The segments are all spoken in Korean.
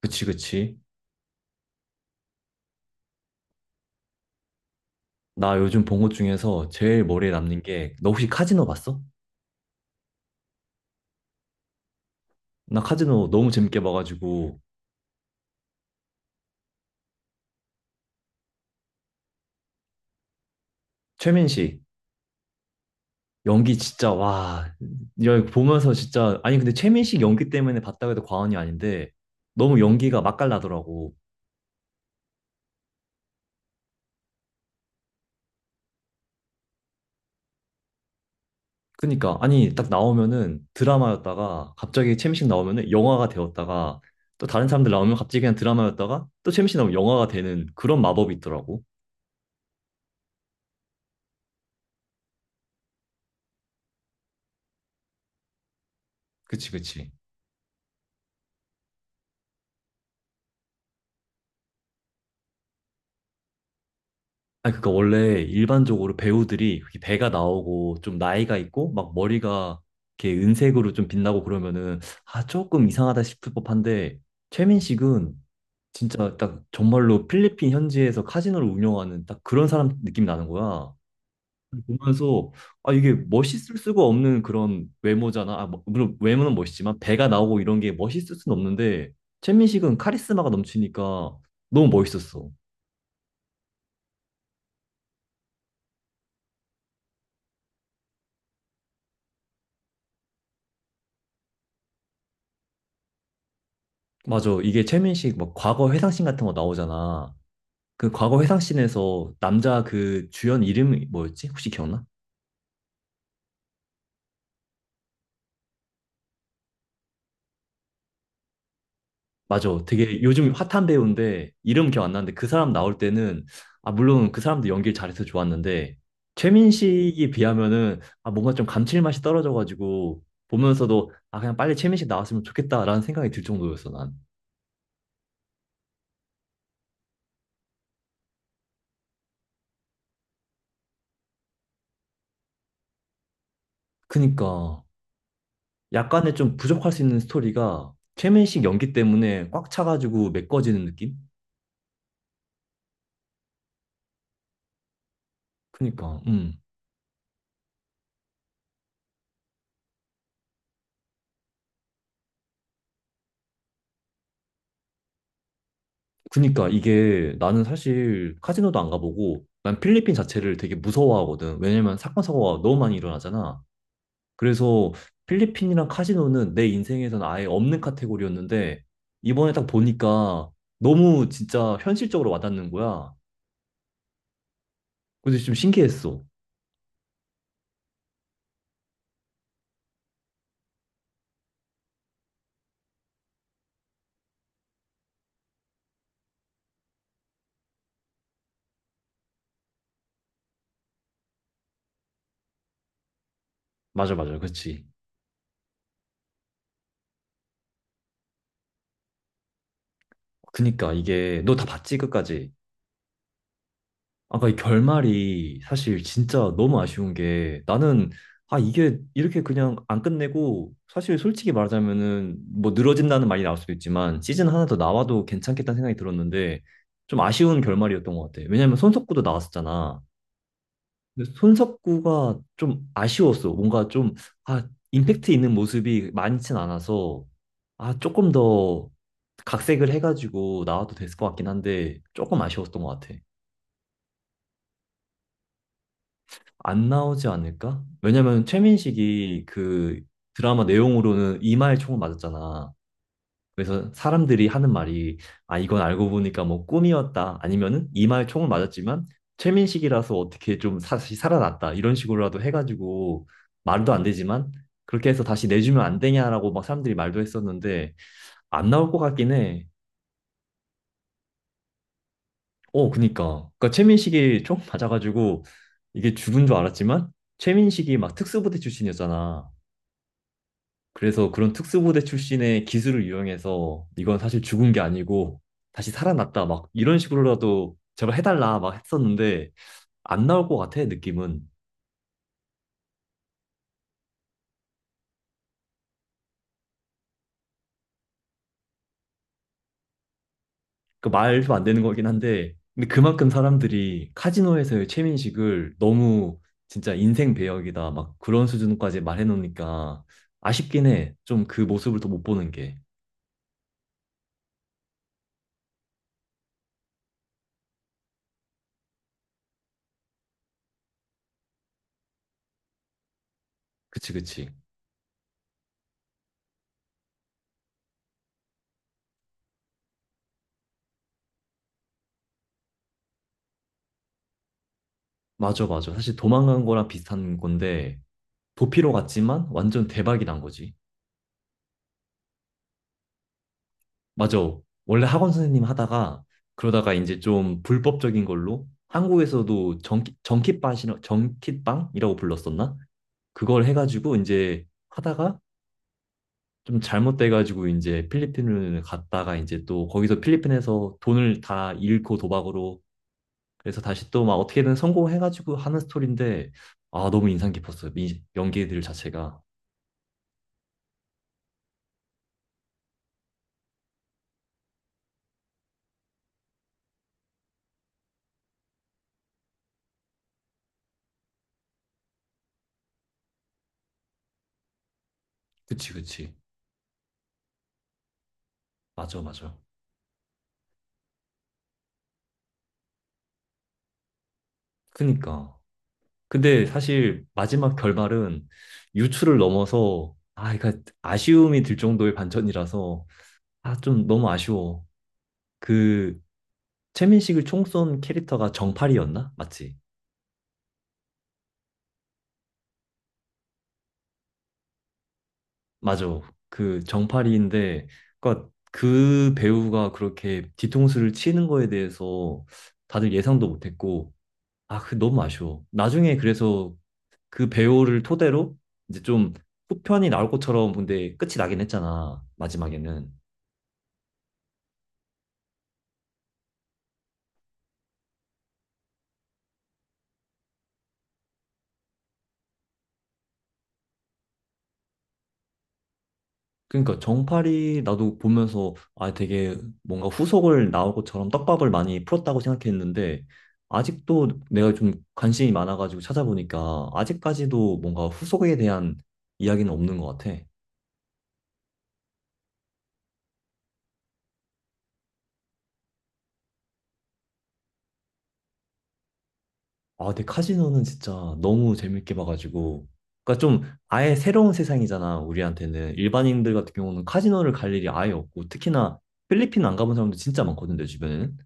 그치, 그치. 나 요즘 본 것 중에서 제일 머리에 남는 게, 너 혹시 카지노 봤어? 나 카지노 너무 재밌게 봐가지고, 최민식, 연기 진짜, 와, 야, 이거 보면서 진짜, 아니, 근데 최민식 연기 때문에 봤다고 해도 과언이 아닌데, 너무 연기가 맛깔나더라고. 그니까, 아니, 딱 나오면은 드라마였다가, 갑자기 최민식 나오면은 영화가 되었다가, 또 다른 사람들 나오면 갑자기 그냥 드라마였다가, 또 최민식 나오면 영화가 되는 그런 마법이 있더라고. 그치, 그치. 아니, 그니까 원래 일반적으로 배우들이 그렇게 배가 나오고 좀 나이가 있고 막 머리가 이렇게 은색으로 좀 빛나고 그러면은 아, 조금 이상하다 싶을 법한데 최민식은 진짜 딱 정말로 필리핀 현지에서 카지노를 운영하는 딱 그런 사람 느낌이 나는 거야. 보면서 아, 이게 멋있을 수가 없는 그런 외모잖아. 아, 뭐, 물론 외모는 멋있지만 배가 나오고 이런 게 멋있을 수는 없는데 최민식은 카리스마가 넘치니까 너무 멋있었어. 맞아. 이게 최민식 막 과거 회상씬 같은 거 나오잖아. 그 과거 회상씬에서 남자 그 주연 이름이 뭐였지? 혹시 기억나? 맞아. 되게 요즘 핫한 배우인데 이름 기억 안 나는데 그 사람 나올 때는 아 물론 그 사람도 연기를 잘해서 좋았는데 최민식이 비하면은 아 뭔가 좀 감칠맛이 떨어져가지고 보면서도 아 그냥 빨리 최민식 나왔으면 좋겠다라는 생각이 들 정도였어 난. 그니까 약간의 좀 부족할 수 있는 스토리가 최민식 연기 때문에 꽉 차가지고 메꿔지는 느낌? 그니까, 그니까 이게 나는 사실 카지노도 안 가보고 난 필리핀 자체를 되게 무서워하거든. 왜냐면 사건, 사고가 너무 많이 일어나잖아. 그래서 필리핀이랑 카지노는 내 인생에선 아예 없는 카테고리였는데 이번에 딱 보니까 너무 진짜 현실적으로 와닿는 거야. 그래서 좀 신기했어. 맞아, 맞아. 그렇지. 그니까 이게 너 다 봤지, 끝까지? 아까 이 결말이 사실 진짜 너무 아쉬운 게 나는 아 이게 이렇게 그냥 안 끝내고 사실 솔직히 말하자면은 뭐 늘어진다는 말이 나올 수도 있지만 시즌 하나 더 나와도 괜찮겠다는 생각이 들었는데 좀 아쉬운 결말이었던 것 같아. 왜냐면 손석구도 나왔었잖아. 근데 손석구가 좀 아쉬웠어. 뭔가 좀 아 임팩트 있는 모습이 많진 않아서 아 조금 더 각색을 해가지고 나와도 됐을 것 같긴 한데 조금 아쉬웠던 것 같아. 안 나오지 않을까? 왜냐면 최민식이 그 드라마 내용으로는 이마에 총을 맞았잖아. 그래서 사람들이 하는 말이 아 이건 알고 보니까 뭐 꿈이었다 아니면은 이마에 총을 맞았지만 최민식이라서 어떻게 좀 다시 살아났다 이런 식으로라도 해가지고 말도 안 되지만 그렇게 해서 다시 내주면 안 되냐라고 막 사람들이 말도 했었는데 안 나올 것 같긴 해. 어 그니까 최민식이 총 맞아가지고 이게 죽은 줄 알았지만 최민식이 막 특수부대 출신이었잖아. 그래서 그런 특수부대 출신의 기술을 이용해서 이건 사실 죽은 게 아니고 다시 살아났다 막 이런 식으로라도 제발 해달라 막 했었는데 안 나올 것 같아 느낌은 그 말도 안 되는 거긴 한데 근데 그만큼 사람들이 카지노에서의 최민식을 너무 진짜 인생 배역이다 막 그런 수준까지 말해놓으니까 아쉽긴 해 좀 그 모습을 더 못 보는 게 그치 그치 맞아 맞아 사실 도망간 거랑 비슷한 건데 도피로 갔지만 완전 대박이 난 거지 맞아. 원래 학원 선생님 하다가 그러다가 이제 좀 불법적인 걸로 한국에서도 정키팟이라, 정키빵이라고 불렀었나? 그걸 해가지고 이제 하다가 좀 잘못돼가지고 이제 필리핀을 갔다가 이제 또 거기서 필리핀에서 돈을 다 잃고 도박으로 그래서 다시 또 막 어떻게든 성공해가지고 하는 스토리인데 아 너무 인상 깊었어요. 이 연기들 자체가. 그치 그치. 맞아 맞아. 그니까. 근데 사실 마지막 결말은 유추를 넘어서 아, 그러 아쉬움이 들 정도의 반전이라서 아, 좀 너무 아쉬워. 그 최민식을 총 쏜 캐릭터가 정팔이었나? 맞지? 맞아. 그 정팔이인데 그러니까 그 배우가 그렇게 뒤통수를 치는 거에 대해서 다들 예상도 못했고 아, 그 너무 아쉬워. 나중에 그래서 그 배우를 토대로 이제 좀 후편이 나올 것처럼 근데 끝이 나긴 했잖아. 마지막에는. 그러니까 정팔이 나도 보면서 아 되게 뭔가 후속을 나올 것처럼 떡밥을 많이 풀었다고 생각했는데 아직도 내가 좀 관심이 많아가지고 찾아보니까 아직까지도 뭔가 후속에 대한 이야기는 없는 것 같아. 아 근데 카지노는 진짜 너무 재밌게 봐가지고 그러니까 좀 아예 새로운 세상이잖아 우리한테는 일반인들 같은 경우는 카지노를 갈 일이 아예 없고 특히나 필리핀 안 가본 사람도 진짜 많거든 내 주변에는.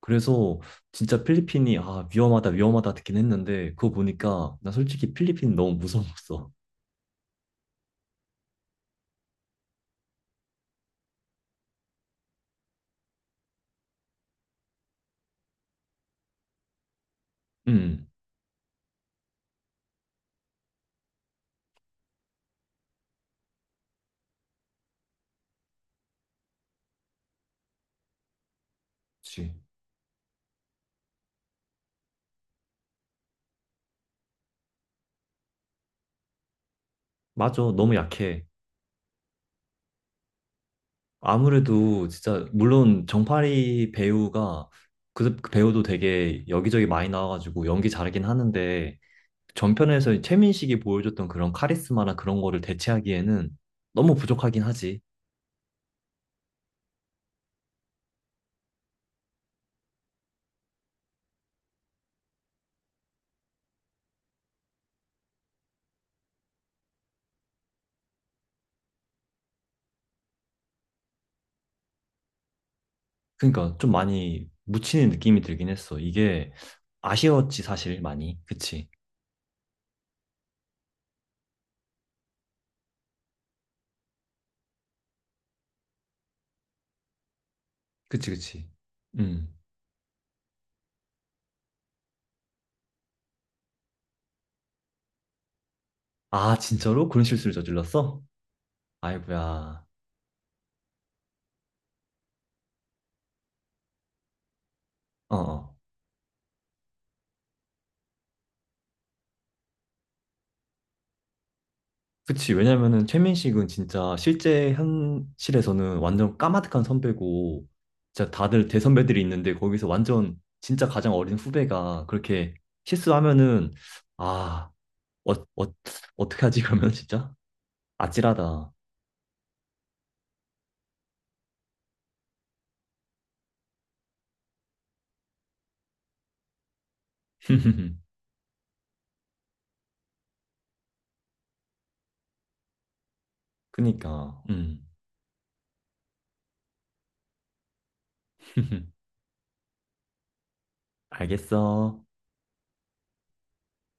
그래서 진짜 필리핀이 아 위험하다 위험하다 듣긴 했는데 그거 보니까 나 솔직히 필리핀 너무 무서웠어. 음, 그치. 맞아, 너무 약해. 아무래도 진짜 물론 정파리 배우가 그 배우도 되게 여기저기 많이 나와가지고 연기 잘하긴 하는데 전편에서 최민식이 보여줬던 그런 카리스마나 그런 거를 대체하기에는 너무 부족하긴 하지. 그러니까 좀 많이 묻히는 느낌이 들긴 했어. 이게 아쉬웠지 사실 많이. 그치? 그치, 그치. 음. 아, 진짜로? 그런 실수를 저질렀어? 아이고야. 어. 어. 그치. 왜냐면은 최민식은 진짜 실제 현실에서는 완전 까마득한 선배고, 진짜 다들 대선배들이 있는데 거기서 완전 진짜 가장 어린 후배가 그렇게 실수하면은, 아, 어, 어, 어떻게 하지, 그러면 진짜? 아찔하다. 그니까. 알겠어.